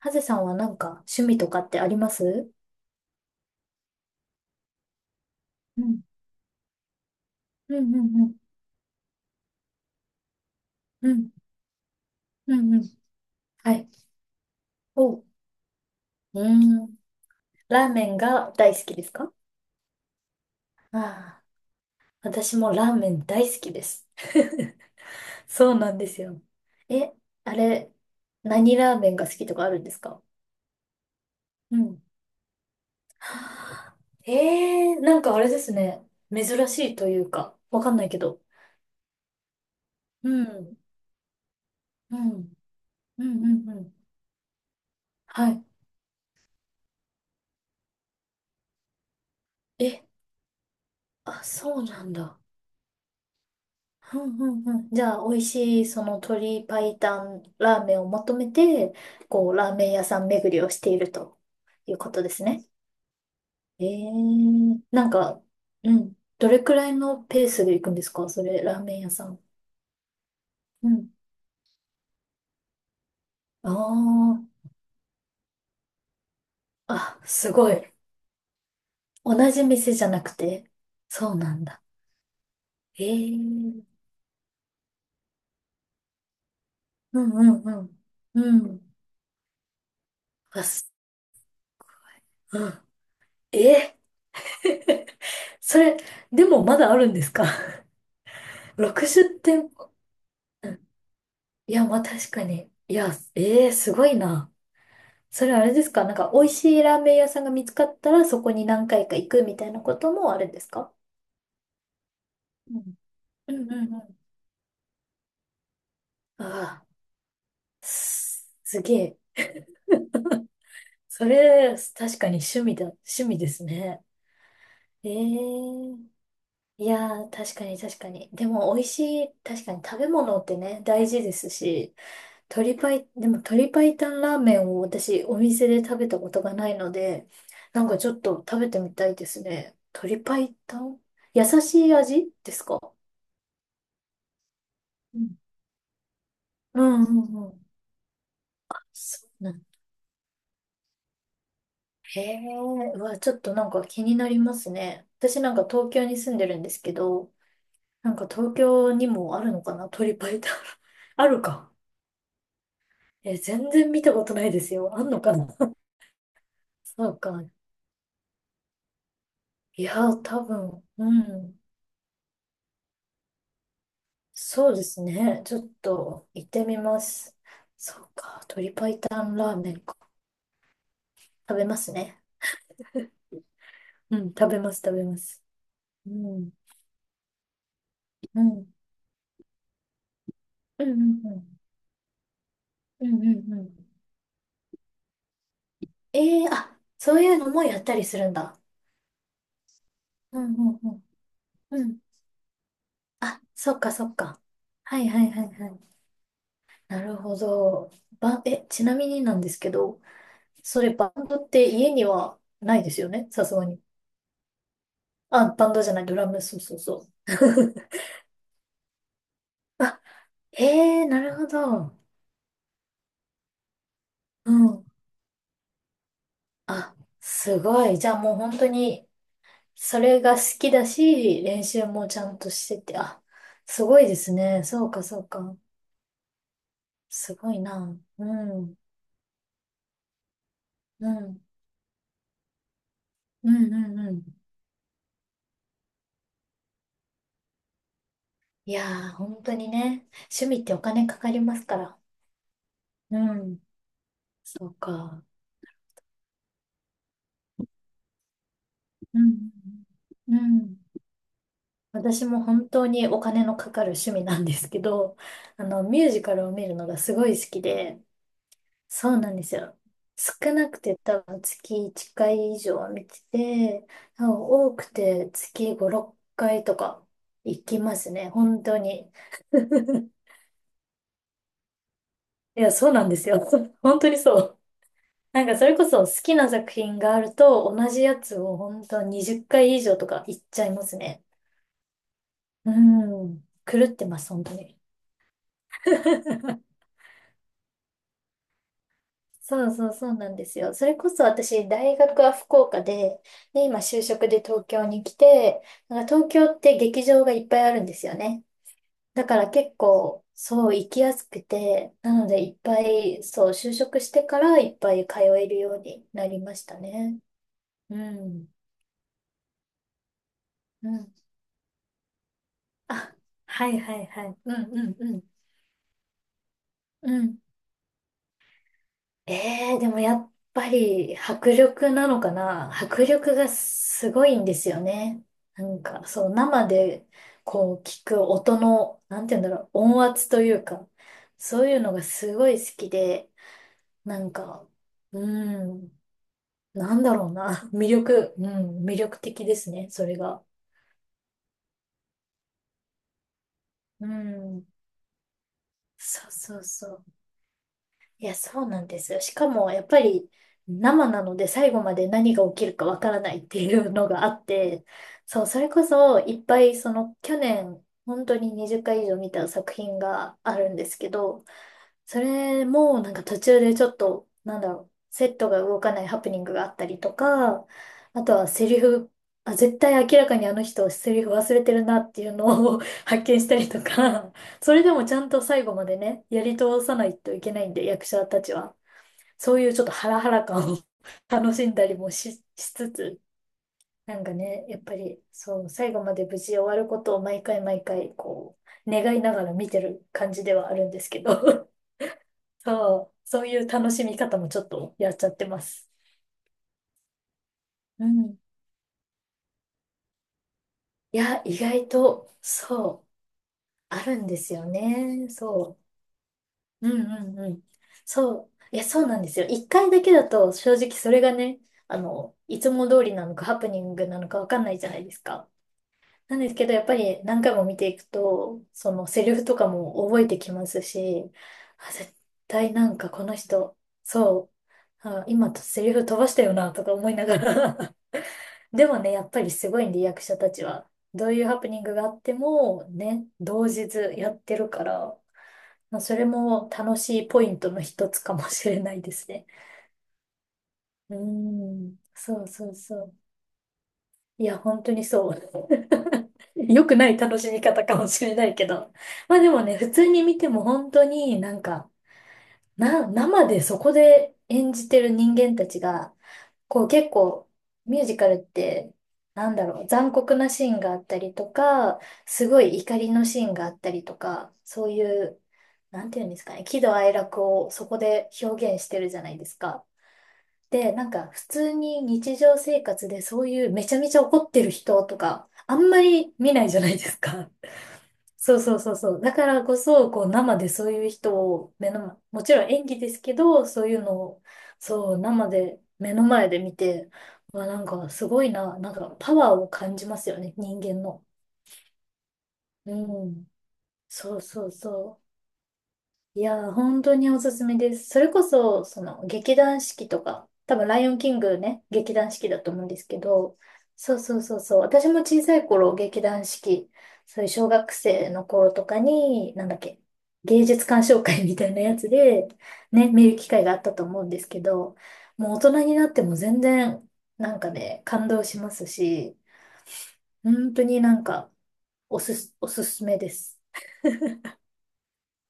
ハゼさんはなんか趣味とかってあります？うん。うんうんうん。うん。うんうん。はい。おう。ーん。ラーメンが大好きですか？ああ。私もラーメン大好きです。そうなんですよ。え、あれ、何ラーメンが好きとかあるんですか？うん。はあ、なんかあれですね。珍しいというか、わかんないけど。うん。うん。うんうんうん。はい。え、あ、そうなんだ。うんうんうん、じゃあ、美味しい、その鶏白湯ラーメンを求めて、こう、ラーメン屋さん巡りをしているということですね。えーなんか、うん。どれくらいのペースで行くんですか、それ、ラーメン屋さん。うん。ああ、あ、すごい。同じ店じゃなくて。そうなんだ。ええ、うんうんうん。うん。あ、す、うん。えー それ、でもまだあるんですか？60 店舗。いや、まあ確かに。いや、ええーすごいな。それあれですか、なんか美味しいラーメン屋さんが見つかったらそこに何回か行くみたいなこともあるんですか？うんうんうんうん。ああ、す、すげえ。それ、確かに趣味ですね。ええ、いやー、確かに確かに。でも美味しい、確かに食べ物ってね、大事ですし、鶏パイ、でも鶏白湯ラーメンを私お店で食べたことがないので、なんかちょっと食べてみたいですね。鶏白湯、優しい味ですか？うん。うんうんうん。そうなんへえ、うわ、ちょっとなんか気になりますね。私なんか東京に住んでるんですけど、なんか東京にもあるのかな、鳥パイタン。あるか。え、全然見たことないですよ。あんのかな。 そうか。いや、多分、うん。そうですね。ちょっと行ってみます。そうか。鶏白湯ラーメンか。食べますね。うん、食べます、食べます。うん、うん、うん、うん、うん、うん、うんうん。ええー、あ、そういうのもやったりするんだ。うん、うん、うん、うん。あ、そっか、そっか。はい、はい、はい、はい。なるほど。ちなみになんですけど、それバンドって家にはないですよね、さすがに。あ、バンドじゃない、ドラム、そうそうそう。ええ、なるほど。うん。あ、すごい。じゃあもう本当に、それが好きだし、練習もちゃんとしてて、あ、すごいですね。そうか、そうか。すごいな。うん、うん、うん、うん、うん。いやー、本当にね、趣味ってお金かかりますから。うん、そうか。うん、うん。うん、私も本当にお金のかかる趣味なんですけど、ミュージカルを見るのがすごい好きで、そうなんですよ。少なくて多分月1回以上は見てて、多分多くて月5、6回とか行きますね。本当に。いや、そうなんですよ。本当にそう。なんかそれこそ好きな作品があると同じやつを本当20回以上とか行っちゃいますね。うん。狂ってます、本当に。そうそうそうなんですよ。それこそ私、大学は福岡で、で、今就職で東京に来て、なんか東京って劇場がいっぱいあるんですよね。だから結構、そう、行きやすくて、なのでいっぱい、そう、就職してからいっぱい通えるようになりましたね。うん。うん。あ、はいはいはい。うんうんうん。うん、ええ、でもやっぱり迫力なのかな、迫力がすごいんですよね。なんか、そう、生でこう聞く音の、なんて言うんだろう、音圧というか、そういうのがすごい好きで、なんか、うん、なんだろうな、魅力、うん、魅力的ですね、それが。うん、そうそうそう。いや、そうなんですよ。しかも、やっぱり生なので最後まで何が起きるかわからないっていうのがあって、そう、それこそいっぱい、その去年、本当に20回以上見た作品があるんですけど、それもなんか途中でちょっと、なんだろう、セットが動かないハプニングがあったりとか、あとはセリフ、あ、絶対明らかにあの人セリフ忘れてるなっていうのを 発見したりとか、それでもちゃんと最後までね、やり通さないといけないんで、役者たちは。そういうちょっとハラハラ感を 楽しんだりもし、しつつ、なんかね、やっぱり、そう、最後まで無事終わることを毎回毎回、こう、願いながら見てる感じではあるんですけど、そう、そういう楽しみ方もちょっとやっちゃってます。うん。いや、意外と、そう、あるんですよね。そう。うんうんうん。そう。いや、そうなんですよ。一回だけだと、正直それがね、あの、いつも通りなのかハプニングなのかわかんないじゃないですか。なんですけど、やっぱり何回も見ていくと、そのセリフとかも覚えてきますし、あ、絶対なんかこの人、そう、あ、今セリフ飛ばしたよな、とか思いながら でもね、やっぱりすごいんで、役者たちは。どういうハプニングがあっても、ね、同日やってるから、まあ、それも楽しいポイントの一つかもしれないですね。うーん、そうそうそう。いや、本当にそう。良くない楽しみ方かもしれないけど。まあでもね、普通に見ても本当になんか、生でそこで演じてる人間たちが、こう結構ミュージカルって、なんだろう、残酷なシーンがあったりとか、すごい怒りのシーンがあったりとか、そういう、なんていうんですかね、喜怒哀楽をそこで表現してるじゃないですか。で、なんか普通に日常生活でそういうめちゃめちゃ怒ってる人とか、あんまり見ないじゃないですか。そうそうそうそう。だからこそ、こう生でそういう人を目の前、もちろん演技ですけど、そういうのを、そう、生で、目の前で見て、まあなんかすごいな、なんかパワーを感じますよね、人間の。うん。そうそうそう。いやー、本当におすすめです。それこそ、その、劇団四季とか、多分、ライオンキングね、劇団四季だと思うんですけど、そうそうそうそう、私も小さい頃、劇団四季、そういう小学生の頃とかに、なんだっけ、芸術鑑賞会みたいなやつで、ね、見る機会があったと思うんですけど、もう大人になっても全然、なんかね、感動しますし、本当になんか、おすすめです。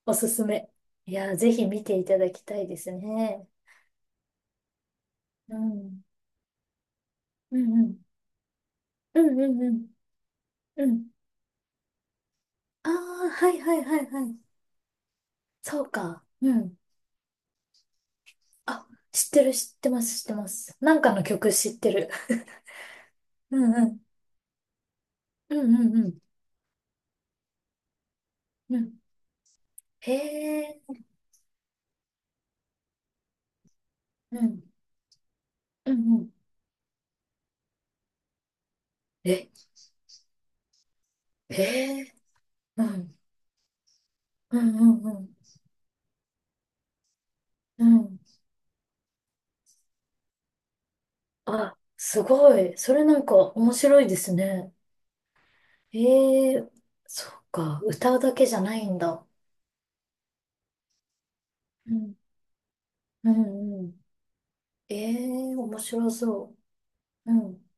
おすすめ。いやー、ぜひ見ていただきたいですね。うん。うんうん。うんうんうん。うん。ああ、はいはいはいはい。そうか。うん。あ、知ってる、知ってます、知ってます。なんかの曲知ってる。うんうん。うんうんうん。うん。へえ。うん。うんうん。え、へえ。うん。うんうんうん。うん。あ、すごい。それなんか面白いですね。ええ、そうか。歌うだけじゃないんだ。うん。うんうん。ええ、面白そう。うん。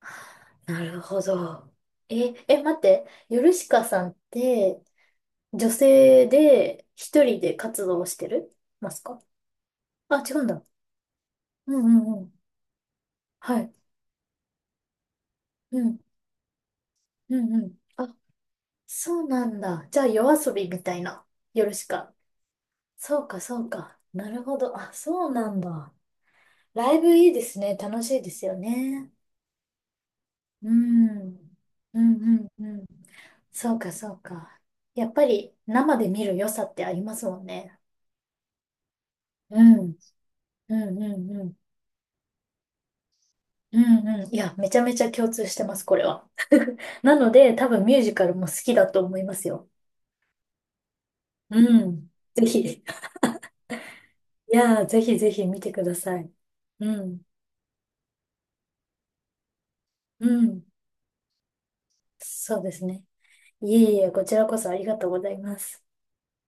なるほど。え、え、待って。ヨルシカさんって、女性で一人で活動してるますか？あ、違うんだ。うんうんうん。はい。うん。うんうん。あ、そうなんだ。じゃあ、夜遊びみたいな。ヨルシカ。そうか、そうか。なるほど。あ、そうなんだ。ライブいいですね。楽しいですよね。うん。うんうんうん。そうか、そうか。やっぱり生で見る良さってありますもんね。うん、うん、うん、うん。うんうん。いや、めちゃめちゃ共通してます、これは。なので、多分ミュージカルも好きだと思いますよ。うん。ぜひ。いやー、ぜひぜひ見てください。うん。うん。そうですね。いえいえ、こちらこそありがとうございます。